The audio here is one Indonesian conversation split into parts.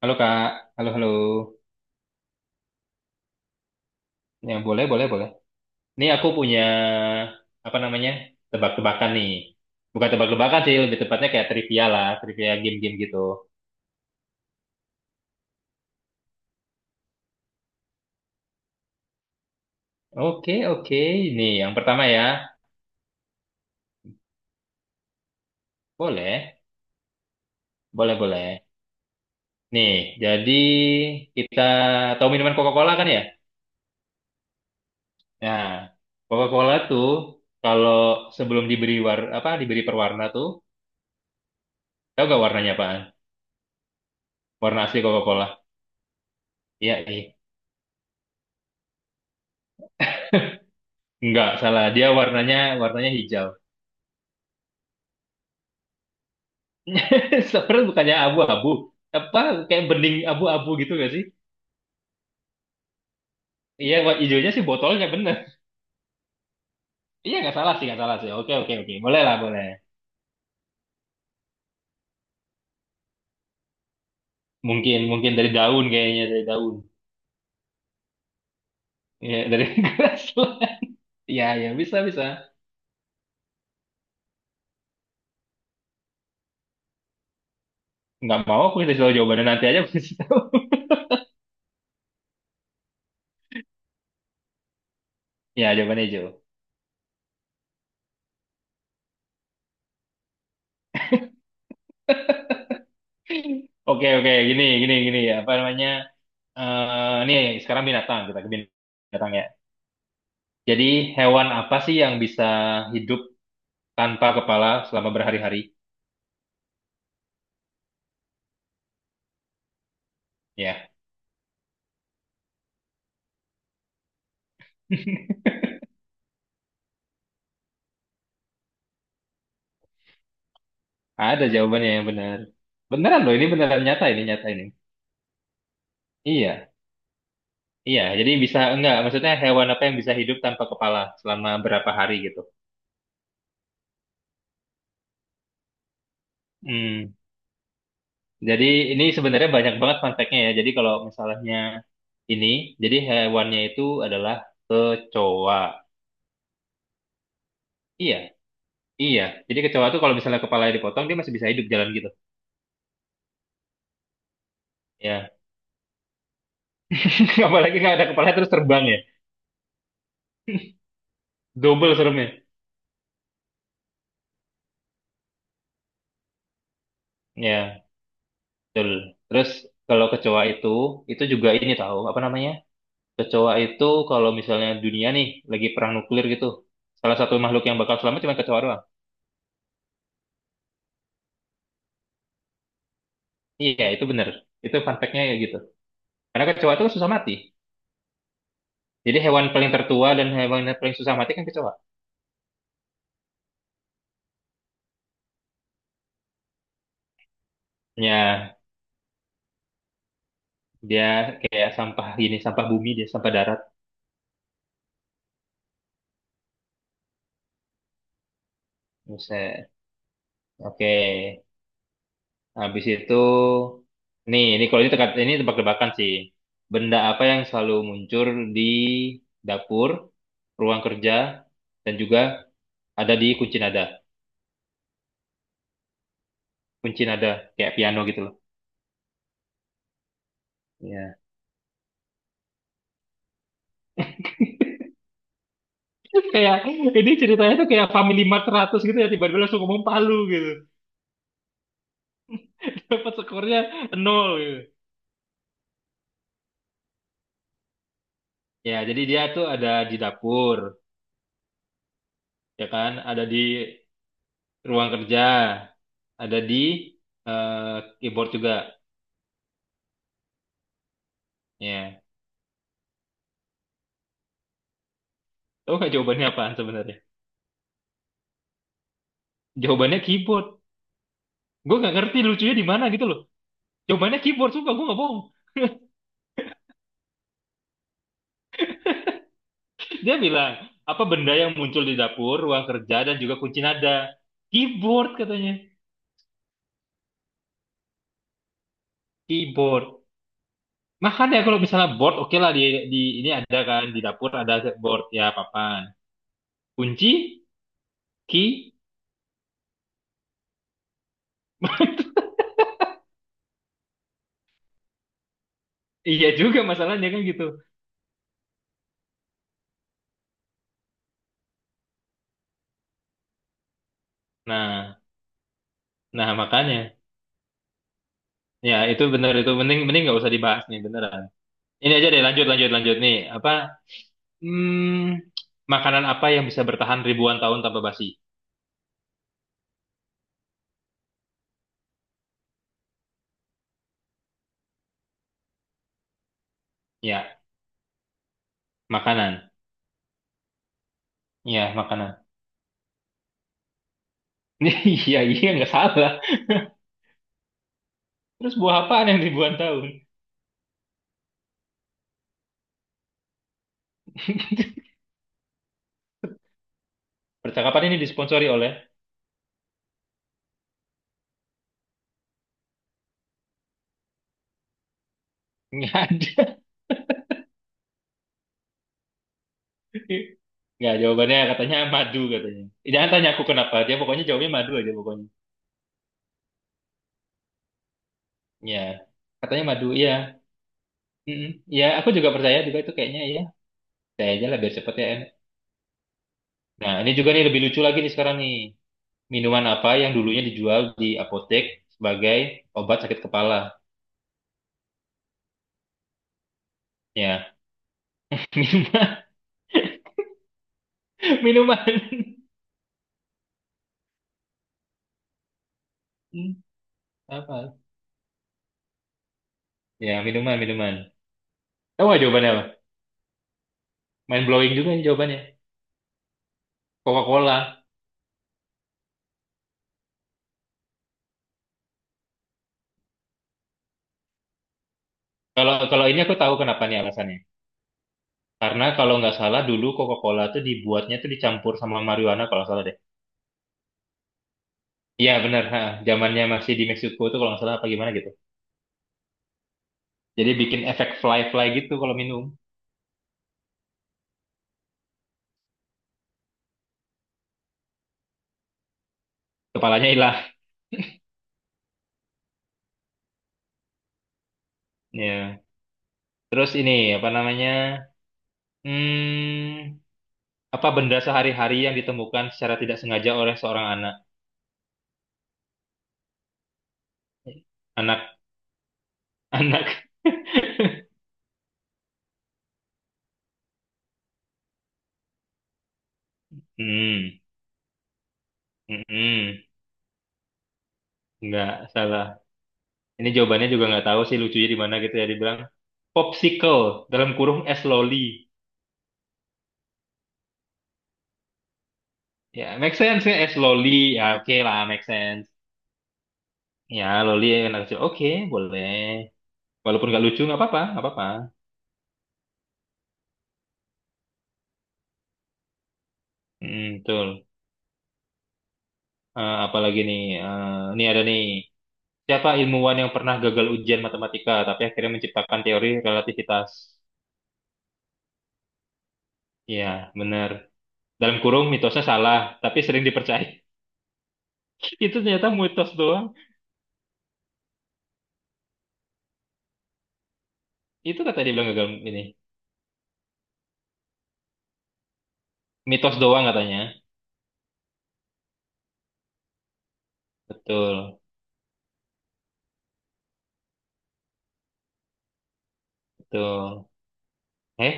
Halo Kak, halo halo. Ya boleh boleh boleh. Ini aku punya apa namanya tebak-tebakan nih. Bukan tebak-tebakan sih, lebih tepatnya kayak trivia lah, trivia game-game gitu. Oke oke. Nih yang pertama ya, boleh boleh boleh. Nih jadi kita tahu minuman Coca-Cola kan ya? Nah Coca-Cola tuh kalau sebelum diberi war apa diberi perwarna tuh, tahu gak warnanya apaan? Warna asli Coca-Cola? Iya nih. Enggak, salah. Dia warnanya warnanya hijau. Sebenarnya bukannya abu-abu. Apa kayak bening abu-abu gitu gak sih? Iya, warna hijaunya sih botolnya bener. Iya, nggak salah sih, nggak salah sih. Oke, oke, oke. Boleh lah, boleh. Mungkin dari daun kayaknya, dari daun. Iya, dari gelas lah. Iya, iya, bisa, bisa. Nggak mau aku kasih tahu jawabannya nanti aja aku kasih tahu. Iya, jawabannya hijau. Oke, oke. Gini. Apa namanya? Nih, sekarang binatang. Kita ke binatang ya. Jadi, hewan apa sih yang bisa hidup tanpa kepala selama berhari-hari? Ya. Ada jawabannya yang benar. Beneran loh, ini beneran nyata ini, nyata ini. Iya, iya. Jadi bisa enggak? Maksudnya hewan apa yang bisa hidup tanpa kepala selama berapa hari gitu? Hmm. Jadi ini sebenarnya banyak banget fun fact-nya ya. Jadi kalau misalnya ini, jadi hewannya itu adalah kecoa. Iya, iya. Jadi kecoa itu kalau misalnya kepalanya dipotong, dia masih bisa hidup jalan gitu. Ya. Apalagi nggak ada kepala terus terbang ya. Double seremnya. Ya, betul. Terus kalau kecoa itu juga ini tahu apa namanya? Kecoa itu kalau misalnya dunia nih lagi perang nuklir gitu, salah satu makhluk yang bakal selamat cuma kecoa doang. Iya, itu bener. Itu fun fact-nya ya gitu. Karena kecoa itu kan susah mati. Jadi hewan paling tertua dan hewan yang paling susah mati kan kecoa. Ya, dia kayak sampah gini, sampah bumi dia, sampah darat. Buset. Oke, habis itu, nih, ini kalau ini teka- ini tebak-tebakan sih. Benda apa yang selalu muncul di dapur, ruang kerja, dan juga ada di kunci nada. Kunci nada kayak piano gitu loh. Iya. Kayak ini ceritanya tuh kayak Family Mart 100 gitu ya tiba-tiba langsung ngomong palu gitu. Dapat skornya nol gitu. Ya, jadi dia tuh ada di dapur, ya kan? Ada di ruang kerja, ada di eh, keyboard juga. Ya. Tahu nggak jawabannya apaan sebenarnya? Jawabannya keyboard. Gue nggak ngerti lucunya di mana gitu loh. Jawabannya keyboard, sumpah gue nggak bohong. Dia bilang, apa benda yang muncul di dapur, ruang kerja, dan juga kunci nada? Keyboard katanya. Keyboard. Makanya kalau misalnya board, oke lah di ini ada kan di dapur ada board ya papan. Kunci, key, iya juga masalahnya kan gitu. Nah, nah makanya ya itu bener itu mending mending nggak usah dibahas nih beneran. Ini aja deh lanjut lanjut lanjut nih apa hmm, makanan apa yang bisa bertahan ribuan tahun tanpa basi? Ya makanan, ya makanan. Iya iya nggak salah. Terus buah apaan yang ribuan tahun? Percakapan ini disponsori oleh nggak ada. Nggak, jawabannya katanya madu katanya. Jangan tanya aku kenapa, dia pokoknya jawabnya madu aja pokoknya. Ya, katanya madu, iya. Mm-mm. Ya, aku juga percaya juga itu kayaknya ya. Saya aja lah biar cepet ya. Enak. Nah, ini juga nih lebih lucu lagi nih sekarang nih. Minuman apa yang dulunya dijual di apotek sebagai obat sakit kepala? Ya, minuman, minuman. Hmm, Apa? Ya, minuman, minuman. Tahu nggak jawabannya apa? Mind blowing juga ini jawabannya. Coca-Cola. Kalau kalau ini aku tahu kenapa nih alasannya. Karena kalau nggak salah dulu Coca-Cola tuh dibuatnya tuh dicampur sama marijuana kalau nggak salah deh. Iya benar, ha. Zamannya masih di Meksiko tuh kalau nggak salah apa gimana gitu. Jadi bikin efek fly-fly gitu kalau minum. Kepalanya hilang. Ya. Terus ini apa namanya? Hmm, apa benda sehari-hari yang ditemukan secara tidak sengaja oleh seorang anak? Anak, anak. Hmm, hmm, nggak salah. Ini jawabannya juga nggak tahu sih lucunya di mana gitu ya dibilang popsicle dalam kurung es loli. Ya, make sense ya, es loli. Ya, oke lah, make sense. Ya, loli anak kecil. Oke, boleh. Walaupun nggak lucu, nggak apa-apa, nggak apa-apa. Hmm, betul. Apalagi nih, ini ada nih. Siapa ilmuwan yang pernah gagal ujian matematika, tapi akhirnya menciptakan teori relativitas? Ya, benar. Dalam kurung, mitosnya salah, tapi sering dipercaya. Itu ternyata mitos doang. Itu kata dia bilang gagal ini. Mitos doang katanya. Betul, betul. Eh,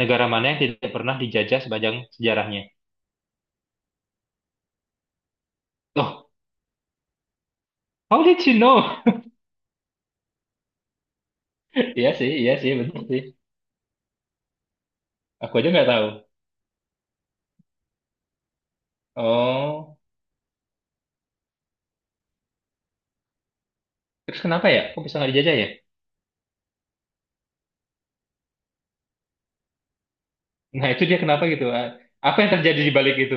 negara mana yang tidak pernah dijajah sepanjang sejarahnya? Loh, how did you know? Iya sih, bener sih. Aku aja nggak tahu. Oh, terus kenapa ya? Kok bisa nggak dijajah ya? Nah, itu dia kenapa gitu. Ah, apa yang terjadi di balik itu?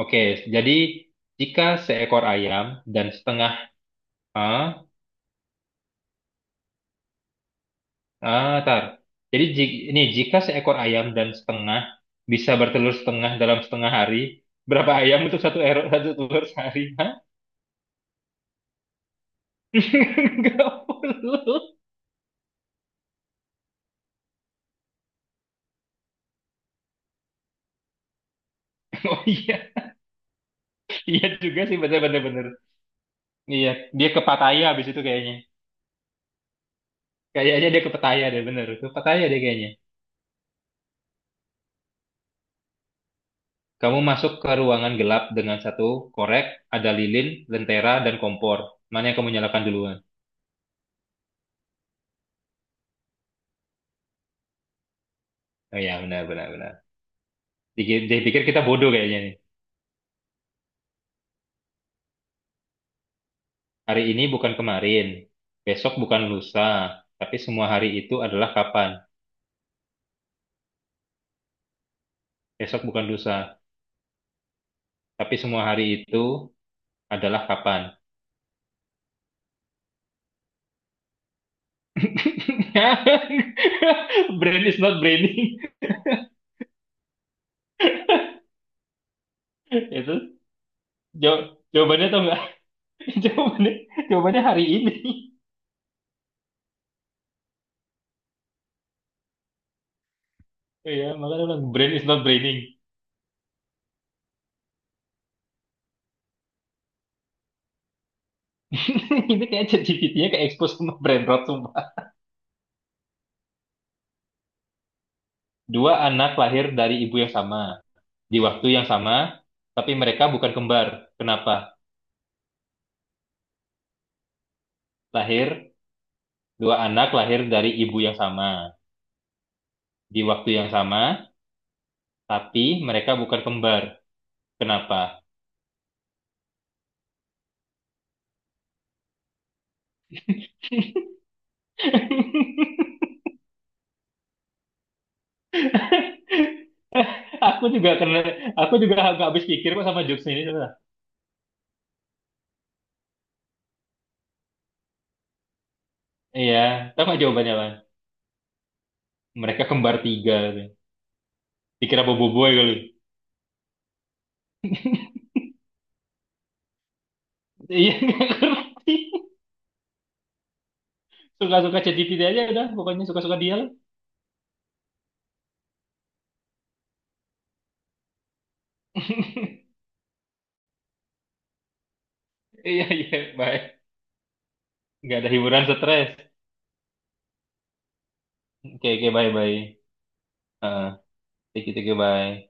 Oke, jadi jika seekor ayam dan setengah... Ah, ah, tar. Jadi ji- ini jika seekor ayam dan setengah bisa bertelur setengah dalam setengah hari, berapa ayam untuk satu erok satu telur sehari? Hah? Nggak perlu. Oh iya, iya juga sih, bener-bener. Iya, dia ke Pattaya habis itu kayaknya. Kayaknya dia ke Pattaya deh, bener. Ke Pattaya deh kayaknya. Kamu masuk ke ruangan gelap dengan satu korek, ada lilin, lentera, dan kompor. Mana yang kamu nyalakan duluan? Oh iya, benar, benar, benar. Diki- Dia pikir kita bodoh kayaknya nih. Hari ini bukan kemarin, besok bukan lusa, tapi semua hari itu adalah kapan? Besok bukan lusa, tapi semua hari itu adalah kapan? Brain is not braining. Itu jaw- jawabannya tuh jawabannya, jawabannya hari ini. Iya, makanya bilang brain is not braining. Ini kayak ChatGPT-nya kayak expose sama brain rot sumpah. Dua anak lahir dari ibu yang sama, di waktu yang sama, tapi mereka bukan kembar. Kenapa? Lahir, dua anak lahir dari ibu yang sama, di waktu yang sama, tapi mereka bukan kembar. Kenapa? Aku juga kena, aku juga nggak habis pikir kok sama jokes ini. Coba. Iya, tahu nggak jawabannya, Lan? Mereka kembar tiga. Gitu. Dikira Boboiboy kali. Iya nggak ngerti. Suka-suka ChatGPT aja udah, pokoknya suka-suka dia lah. Iya iya, bye. Nggak ada hiburan stres. Oke oke bye bye. Heeh, thank you bye.